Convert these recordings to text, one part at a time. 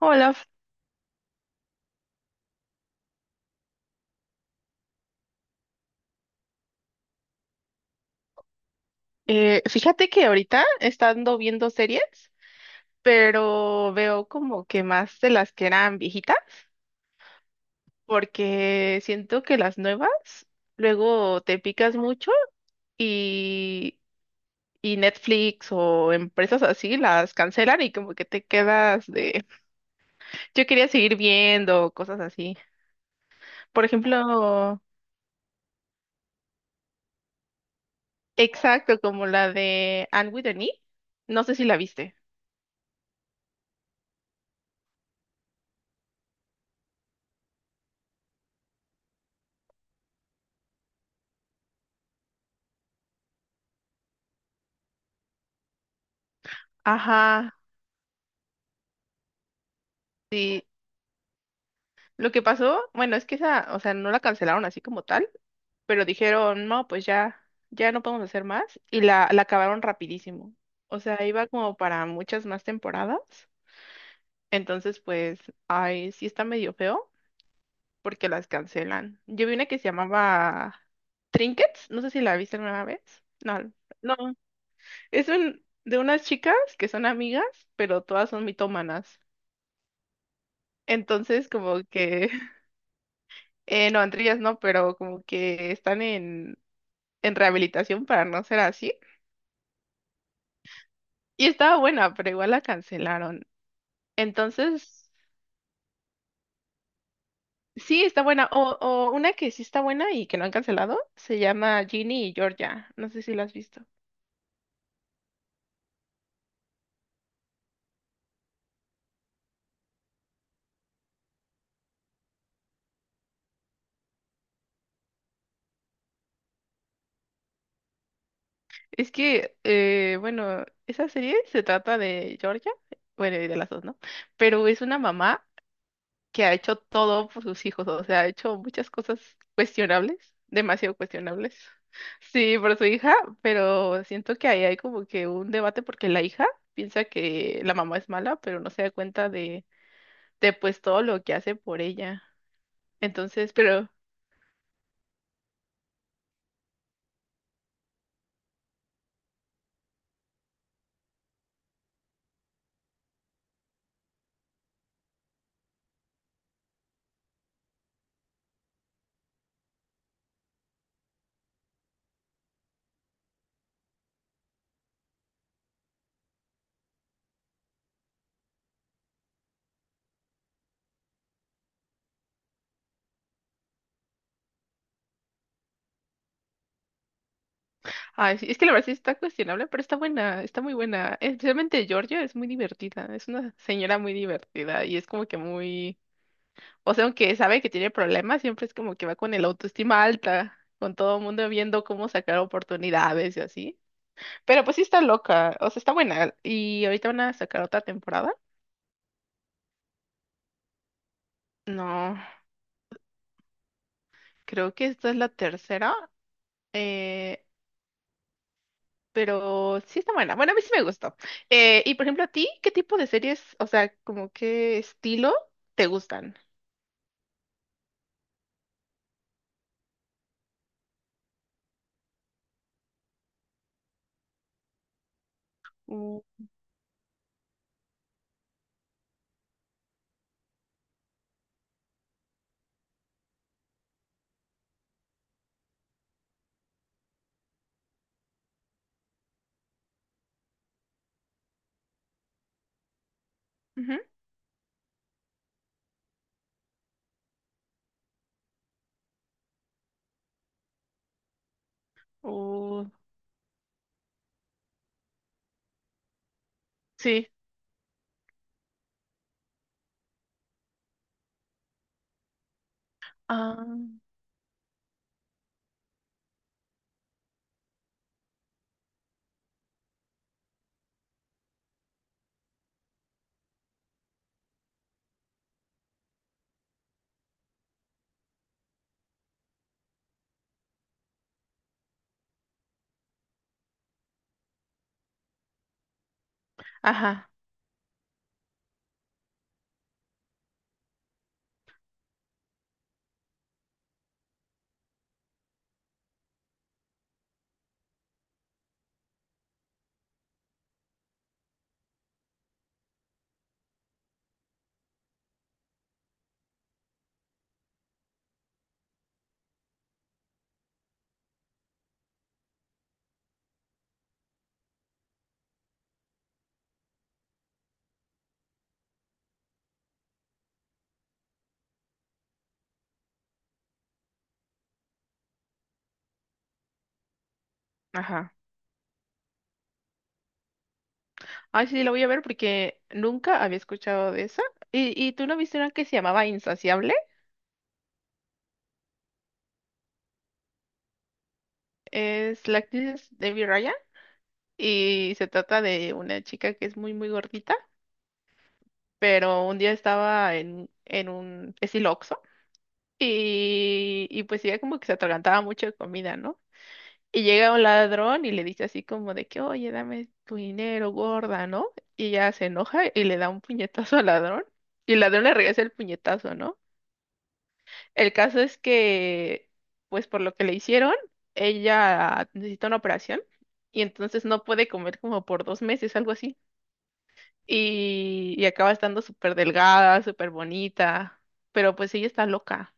Hola, fíjate que ahorita estando viendo series, pero veo como que más de las que eran viejitas, porque siento que las nuevas luego te picas mucho y, y Netflix o empresas así las cancelan y como que te quedas de, yo quería seguir viendo cosas así. Por ejemplo, exacto, como la de Anne with an E, no sé si la viste. Ajá, sí. Lo que pasó, bueno, es que esa, o sea, no la cancelaron así como tal, pero dijeron, no, pues ya, ya no podemos hacer más, y la acabaron rapidísimo. O sea, iba como para muchas más temporadas. Entonces, pues, ay, sí está medio feo porque las cancelan. Yo vi una que se llamaba Trinkets, no sé si la viste alguna vez. No, no, es un, de unas chicas que son amigas, pero todas son mitómanas. Entonces, como que no, entre ellas no, pero como que están en rehabilitación para no ser así. Y estaba buena, pero igual la cancelaron. Entonces, sí, está buena. O una que sí está buena y que no han cancelado, se llama Ginny y Georgia. No sé si la has visto. Es que, bueno, esa serie se trata de Georgia, bueno, y de las dos, ¿no? Pero es una mamá que ha hecho todo por sus hijos, o sea, ha hecho muchas cosas cuestionables, demasiado cuestionables. Sí, por su hija, pero siento que ahí hay como que un debate porque la hija piensa que la mamá es mala, pero no se da cuenta de pues todo lo que hace por ella. Entonces, pero, ay, sí, es que la verdad sí está cuestionable, pero está buena, está muy buena. Especialmente Georgia es muy divertida, es una señora muy divertida y es como que muy... O sea, aunque sabe que tiene problemas, siempre es como que va con el autoestima alta, con todo el mundo viendo cómo sacar oportunidades y así. Pero pues sí está loca, o sea, está buena. Y ahorita van a sacar otra temporada. No, creo que esta es la tercera, eh, pero sí está buena. Bueno, a mí sí me gustó. Y por ejemplo, ¿a ti qué tipo de series, o sea, como qué estilo te gustan? Uh, Ujú. Uh, sí. Ah, ajá, ajá. Ay, sí, la voy a ver porque nunca había escuchado de esa. ¿Y, tú no viste una que se llamaba Insaciable? Es la actriz Es Debbie Ryan y se trata de una chica que es muy, muy gordita, pero un día estaba en un estilo Oxxo y pues ella como que se atragantaba mucho de comida, ¿no? Y llega un ladrón y le dice así como de que, oye, dame tu dinero, gorda, ¿no? Y ella se enoja y le da un puñetazo al ladrón y el ladrón le regresa el puñetazo, ¿no? El caso es que, pues por lo que le hicieron, ella necesita una operación y entonces no puede comer como por dos meses, algo así. Y acaba estando súper delgada, súper bonita, pero pues ella está loca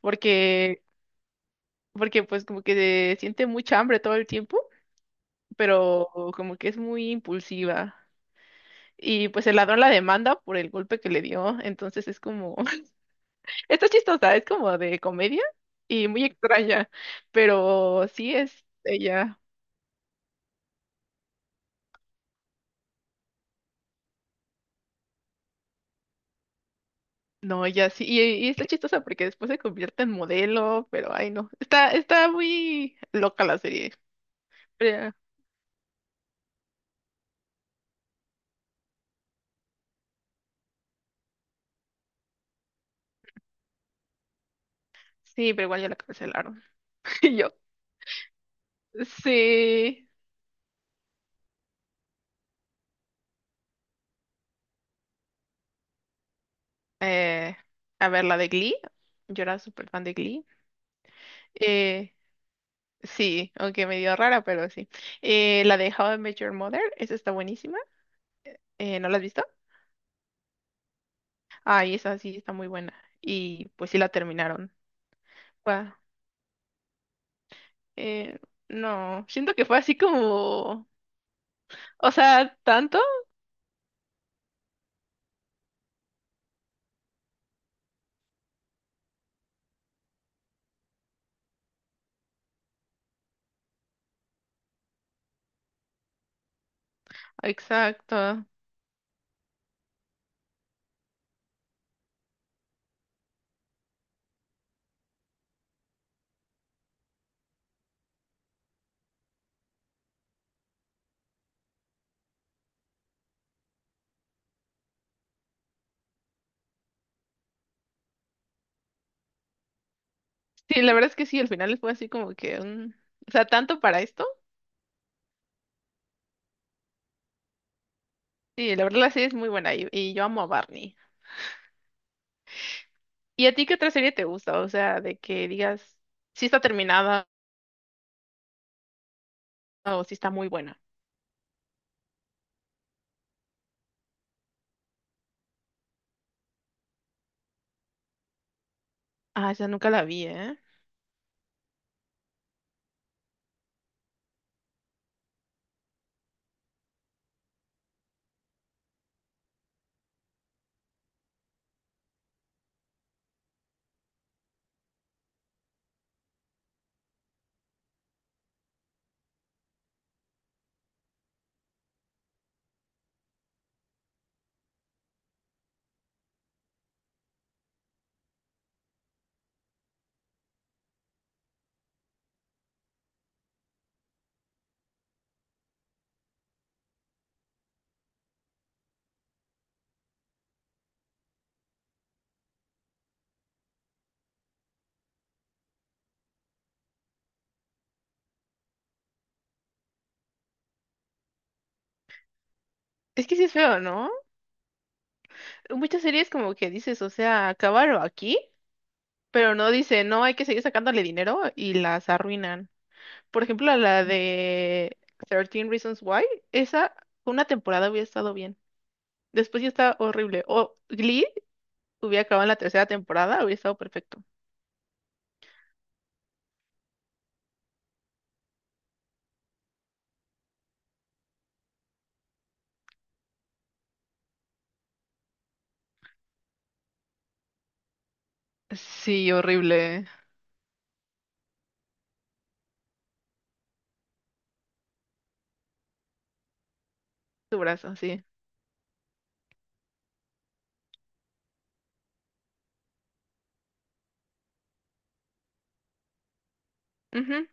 porque, porque pues como que siente mucha hambre todo el tiempo, pero como que es muy impulsiva. Y pues el ladrón la demanda por el golpe que le dio, entonces es como... Está chistosa, es como de comedia y muy extraña, pero sí es ella. No, ella sí, y está chistosa porque después se convierte en modelo, pero ay no, está, está muy loca la serie. Pero- sí, pero igual ya la cancelaron. Y yo, sí, eh, a ver, la de Glee, yo era súper fan de Glee. Eh, sí, aunque medio rara, pero sí. La de How I Met Your Mother, esa está buenísima, ¿no la has visto? Ay, esa sí está muy buena. Y pues sí la terminaron. Fue- eh, no, siento que fue así como, o sea, tanto. Exacto. Sí, la verdad es que sí, al final fue así como que, mm, o sea, tanto para esto. Sí, la verdad la serie es muy buena y yo amo a Barney. ¿Y a ti qué otra serie te gusta? O sea, de que digas si está terminada o si está muy buena. Ah, esa nunca la vi, ¿eh? Es que sí es feo, ¿no? Muchas series como que dices, o sea, acabaron aquí. Pero no dice, no, hay que seguir sacándole dinero y las arruinan. Por ejemplo, a la de Thirteen Reasons Why, esa una temporada hubiera estado bien. Después ya está horrible. O Glee hubiera acabado en la tercera temporada, hubiera estado perfecto. Sí, horrible. Tu brazo, sí. Ujú.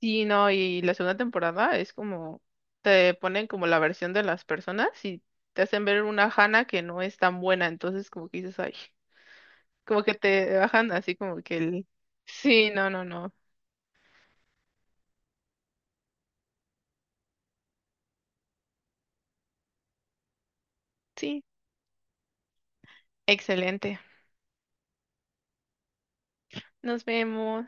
Sí, no, y la segunda temporada es como, te ponen como la versión de las personas y te hacen ver una Hannah que no es tan buena, entonces como que dices, ay, como que te bajan así como que el... Sí, no, no, no. Sí, excelente. Nos vemos.